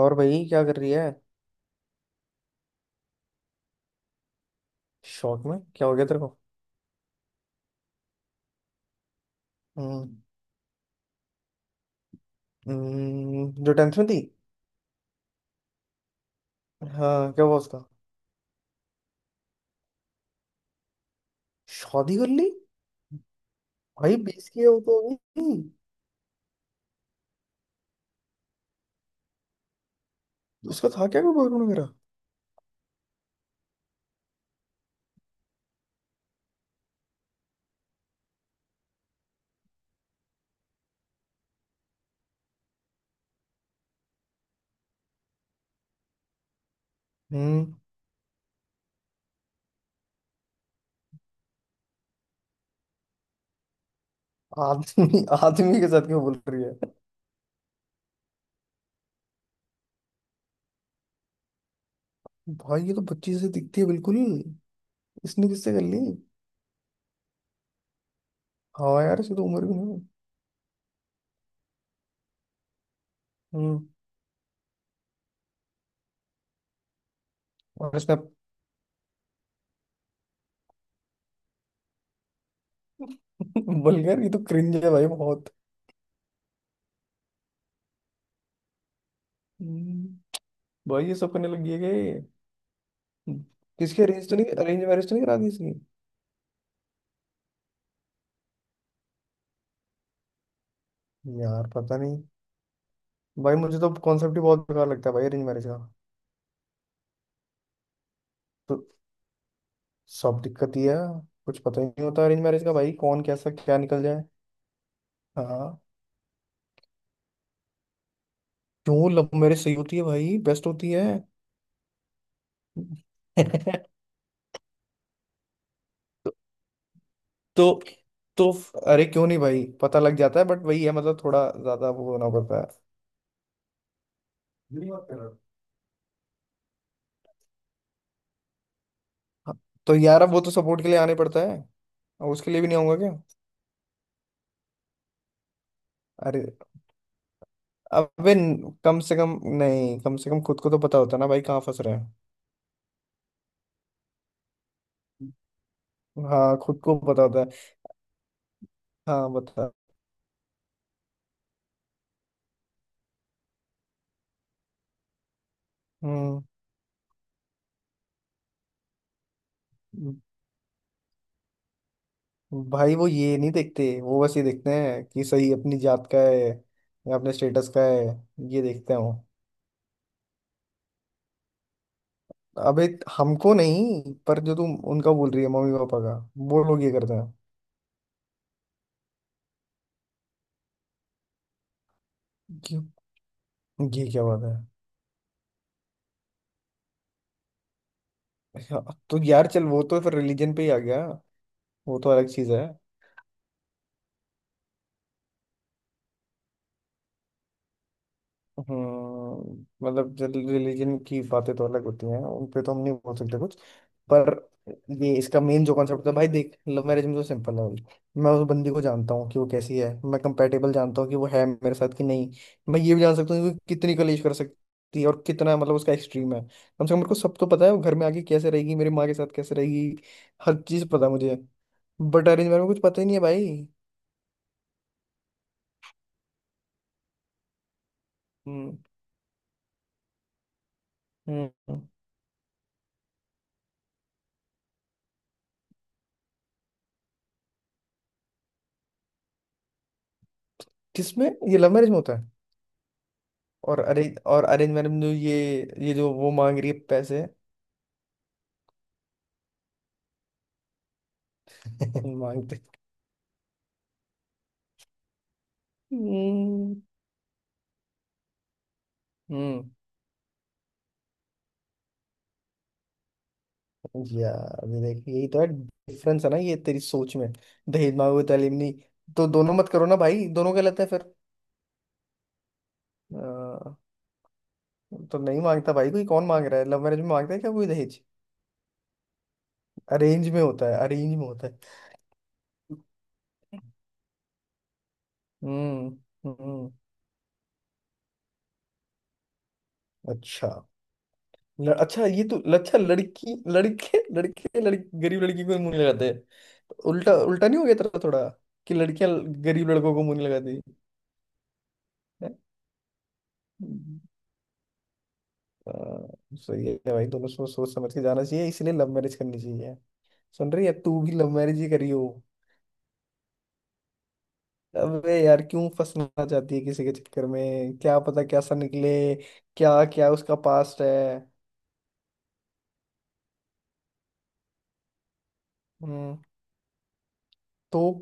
और भाई क्या कर रही है? शौक में क्या हो गया तेरे को? हम्म। जो 10th में थी। हाँ, क्या हुआ उसका? शादी कर ली? भाई 20 की हो तो अभी। उसका था क्या कोई बॉयफ्रेंड वगैरह? हम्म। आदमी, आदमी के साथ क्यों बोल रही है? भाई ये तो बच्ची से दिखती है बिल्कुल ही। इसने किससे कर ली? हाँ यार, इसकी तो उम्र भी नहीं है। हम्म। और इसने बल्कि ये तो क्रिंज है भाई, बहुत। हम्म, भाई ये सब करने लग गई है कि? किसकी अरेंज मैरिज तो नहीं करा दी इसकी? यार पता नहीं। भाई मुझे तो कॉन्सेप्ट ही बहुत बेकार लगता है भाई, अरेंज मैरिज का। तो सब दिक्कत ही है। कुछ पता ही नहीं होता अरेंज मैरिज का भाई, कौन कैसा क्या निकल जाए। हाँ। क्यों, लव मैरिज सही होती है भाई, बेस्ट होती है। तो तो तो अरे क्यों नहीं भाई, पता लग जाता है, बट वही है, मतलब थोड़ा ज्यादा वो होना पड़ता है। मेरी बात कर रहा हूँ। हाँ। तो यार, अब वो तो सपोर्ट के लिए आने पड़ता है। अब उसके लिए भी नहीं आऊंगा क्या? अरे, अबे न- कम से कम, नहीं, कम से कम खुद को तो पता होता है ना भाई, कहाँ फंस रहे हैं। हाँ, खुद को बताता है। हाँ बता। हम्म। भाई वो ये नहीं देखते, वो बस ये देखते हैं कि सही अपनी जात का है या अपने स्टेटस का है। ये देखते हैं वो। अबे हमको नहीं, पर जो तुम उनका बोल रही है, मम्मी पापा का, वो लोग ये करते हैं। क्यों? ये क्या बात है? अच्छा, तो यार चल, वो तो फिर रिलीजन पे ही आ गया। वो तो अलग चीज है। हम्म। मतलब रिलीजन की बातें तो अलग होती हैं, उन पे तो हम नहीं बोल सकते कुछ। पर ये इसका मेन जो कॉन्सेप्ट था भाई, देख, लव मैरिज में तो सिंपल है भाई। मैं उस बंदी को जानता हूँ कि वो कैसी है। मैं कंपेटेबल जानता हूँ कि वो है मेरे साथ कि नहीं। मैं ये भी जान सकता हूँ कि वो कितनी कलेश कर सकती है और कितना, मतलब उसका एक्सट्रीम है। कम से कम मेरे को सब तो पता है, वो घर में आके कैसे रहेगी, मेरी माँ के साथ कैसे रहेगी। हर चीज़ पता है मुझे। बट अरेंज मैरिज में कुछ पता ही नहीं है भाई। हम्म। हम्म। किसमें? ये लव मैरिज में होता है? और अरेंज मैरिज में जो ये जो वो मांग रही है, पैसे। मांगते। हम्म। हम्म, यार ये देख, यही तो है डिफरेंस है ना, ये तेरी सोच में। दहेज मांगोगे तो alimony, तो दोनों मत करो ना भाई, दोनों गलत है फिर। अ, तो नहीं मांगता भाई कोई, कौन मांग रहा है, लव मैरिज में मांगता है क्या कोई दहेज? अरेंज में होता है, अरेंज में होता है। हम्म। हम्म। अच्छा। अच्छा ये तो, अच्छा, लड़की लड़के, लड़के लड़की, गरीब लड़की को मुंह लगाते? उल्टा उल्टा नहीं हो गया तेरा थोड़ा? कि लड़कियां गरीब लड़कों को मुंह नहीं लगाती? हैं? आ, सही है भाई, दोनों सोच सोच समझ के जाना चाहिए, इसलिए लव मैरिज करनी चाहिए। सुन रही है तू, भी लव मैरिज ही करी हो। अबे यार, क्यों फंसना चाहती है किसी के चक्कर में? क्या पता कैसा निकले, क्या क्या उसका पास्ट है। हम्म। तो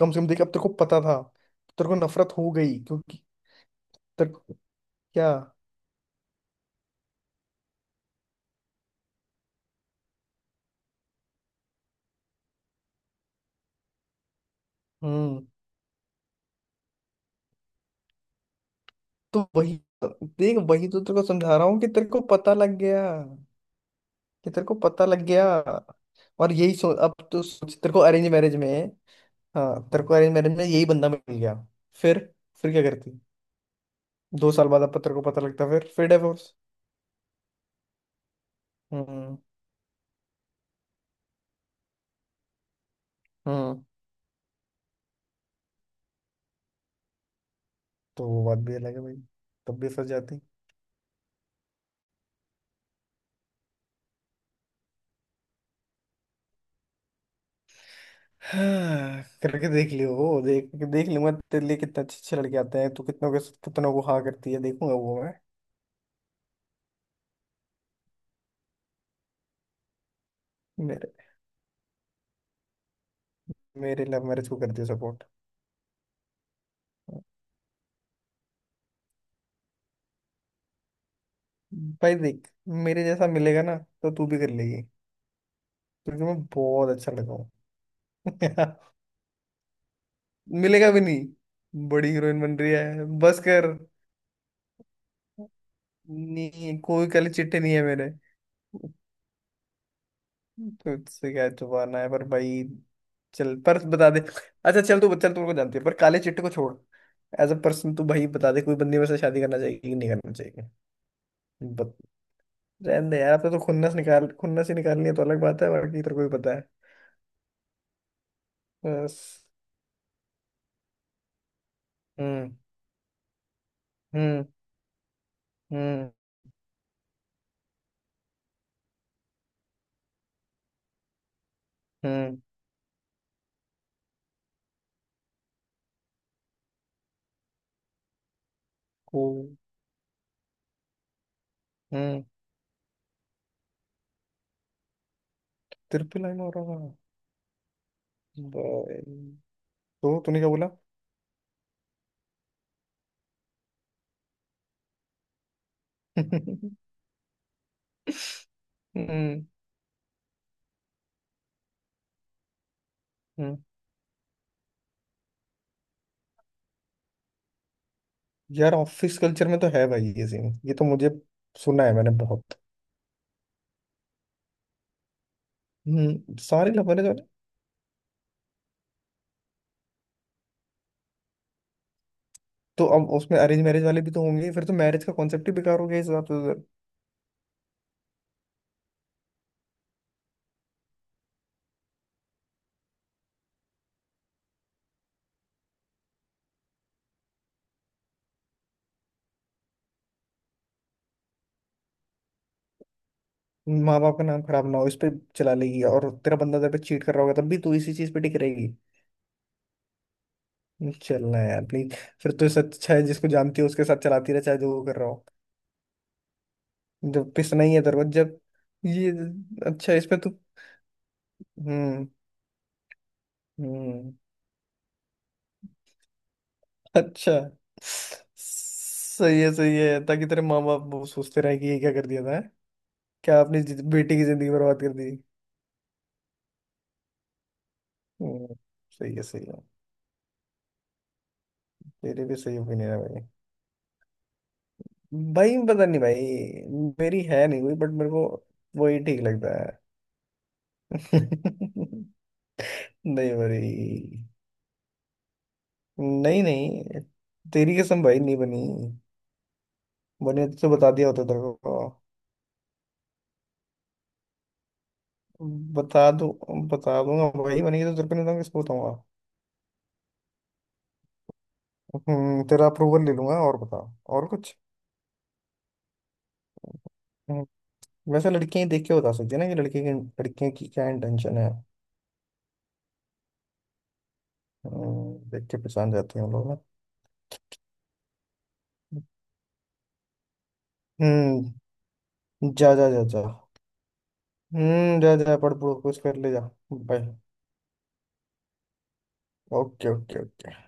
कम से कम देख, अब तेरे को पता था। तेरे को नफरत हो गई क्योंकि तेरे को। क्या? हम्म। तो वही देख, वही तो तेरे को समझा रहा हूँ, कि तेरे को पता लग गया, कि तेरे को पता लग गया। और यही सो अब तो सोच, तेरे को अरेंज मैरिज में। हाँ तेरे को अरेंज मैरिज में यही बंदा मिल गया? फिर, क्या करती? 2 साल बाद अब तेरे को पता लगता, फिर डिवोर्स। हम्म। हम्म। तो वो बात भी अलग है भाई। तब भी फंस जाती। हाँ, करके देख लियो वो। देख, देख लूंगा, तेरे लिए कितने अच्छे अच्छे लड़के आते हैं, तू कितनों के, कितनों को हाँ करती है, देखूंगा वो मैं। मेरे मेरे लव मैरिज को करती है सपोर्ट? भाई देख, मेरे जैसा मिलेगा ना तो तू भी कर लेगी, क्योंकि मैं बहुत अच्छा लगा हूँ। मिलेगा भी नहीं, बड़ी हीरोइन बन रही है, बस कर। नहीं कोई काले चिट्टे नहीं है मेरे। तुझसे क्या छुपाना है पर भाई? चल पर बता दे, अच्छा चल, तू चल, तू मेरे को जानती है पर, काले चिट्टे को छोड़, एज अ पर्सन तू भाई बता दे, कोई बंदी मेरे से शादी करना चाहिए कि नहीं करना चाहिए? बत... रहने दे यार। अब तो खुन्नस निकाल, खुन्नस ही निकालनी है तो अलग बात है, बाकी तेरे को भी पता है। बस। हम्म। हम्म हम्म हम्म को। हम्म। तिरपी लाइन हो रहा है भाई। तो तूने क्या बोला? हम्म। हम्म। यार ऑफिस कल्चर में तो है भाई ये सीन, ये तो मुझे सुना है मैंने बहुत। हम्म, सारे लव मैरिज वाले। तो अब उसमें अरेंज मैरिज वाले भी तो होंगे, फिर तो मैरिज का कॉन्सेप्ट ही बेकार हो गया इस हिसाब से। माँ बाप का नाम खराब ना हो, इस पे चला लेगी, और तेरा बंदा तेरे पे चीट कर रहा होगा तब भी तू इसी चीज पे टिक रहेगी? चलना है यार प्लीज। फिर तो सच अच्छा है, जिसको जानती है उसके साथ चलाती रहे चाहे जो वो कर रहा हो। जब पिस नहीं है तेरे को, जब ये अच्छा है, इसमें तो। हम्म। हम्म, अच्छा। सही है, सही है, ताकि तेरे माँ बाप वो सोचते रहे कि ये क्या कर दिया था। हैं? क्या आपने बेटी की जिंदगी बर्बाद कर दी? हम्म, सही है, सही है। तेरे भी सही ओपिनियन है भाई। भाई पता नहीं भाई, मेरी है नहीं कोई बट मेरे को वही ठीक लगता है। नहीं। भाई, नहीं नहीं, तेरी कसम भाई नहीं बनी। बने तो बता दिया होता तेरे को। बता दूं, बता दूंगा भाई, बनेगी तो तेरे को नहीं बताऊंगा, किसको बताऊंगा? हम्म, तेरा अप्रूवल ले लूंगा। और बता, और कुछ? हम्म, वैसे लड़कियां ही देख के बता सकती है ना कि लड़के की, लड़कियों की क्या इंटेंशन है। देख के पहचान जाते हैं हम लोग ना। हम्म। जा जा जा जा। हम्म, जा जा पढ़ पढ़ कुछ कर ले जा। बाय। Okay okay okay.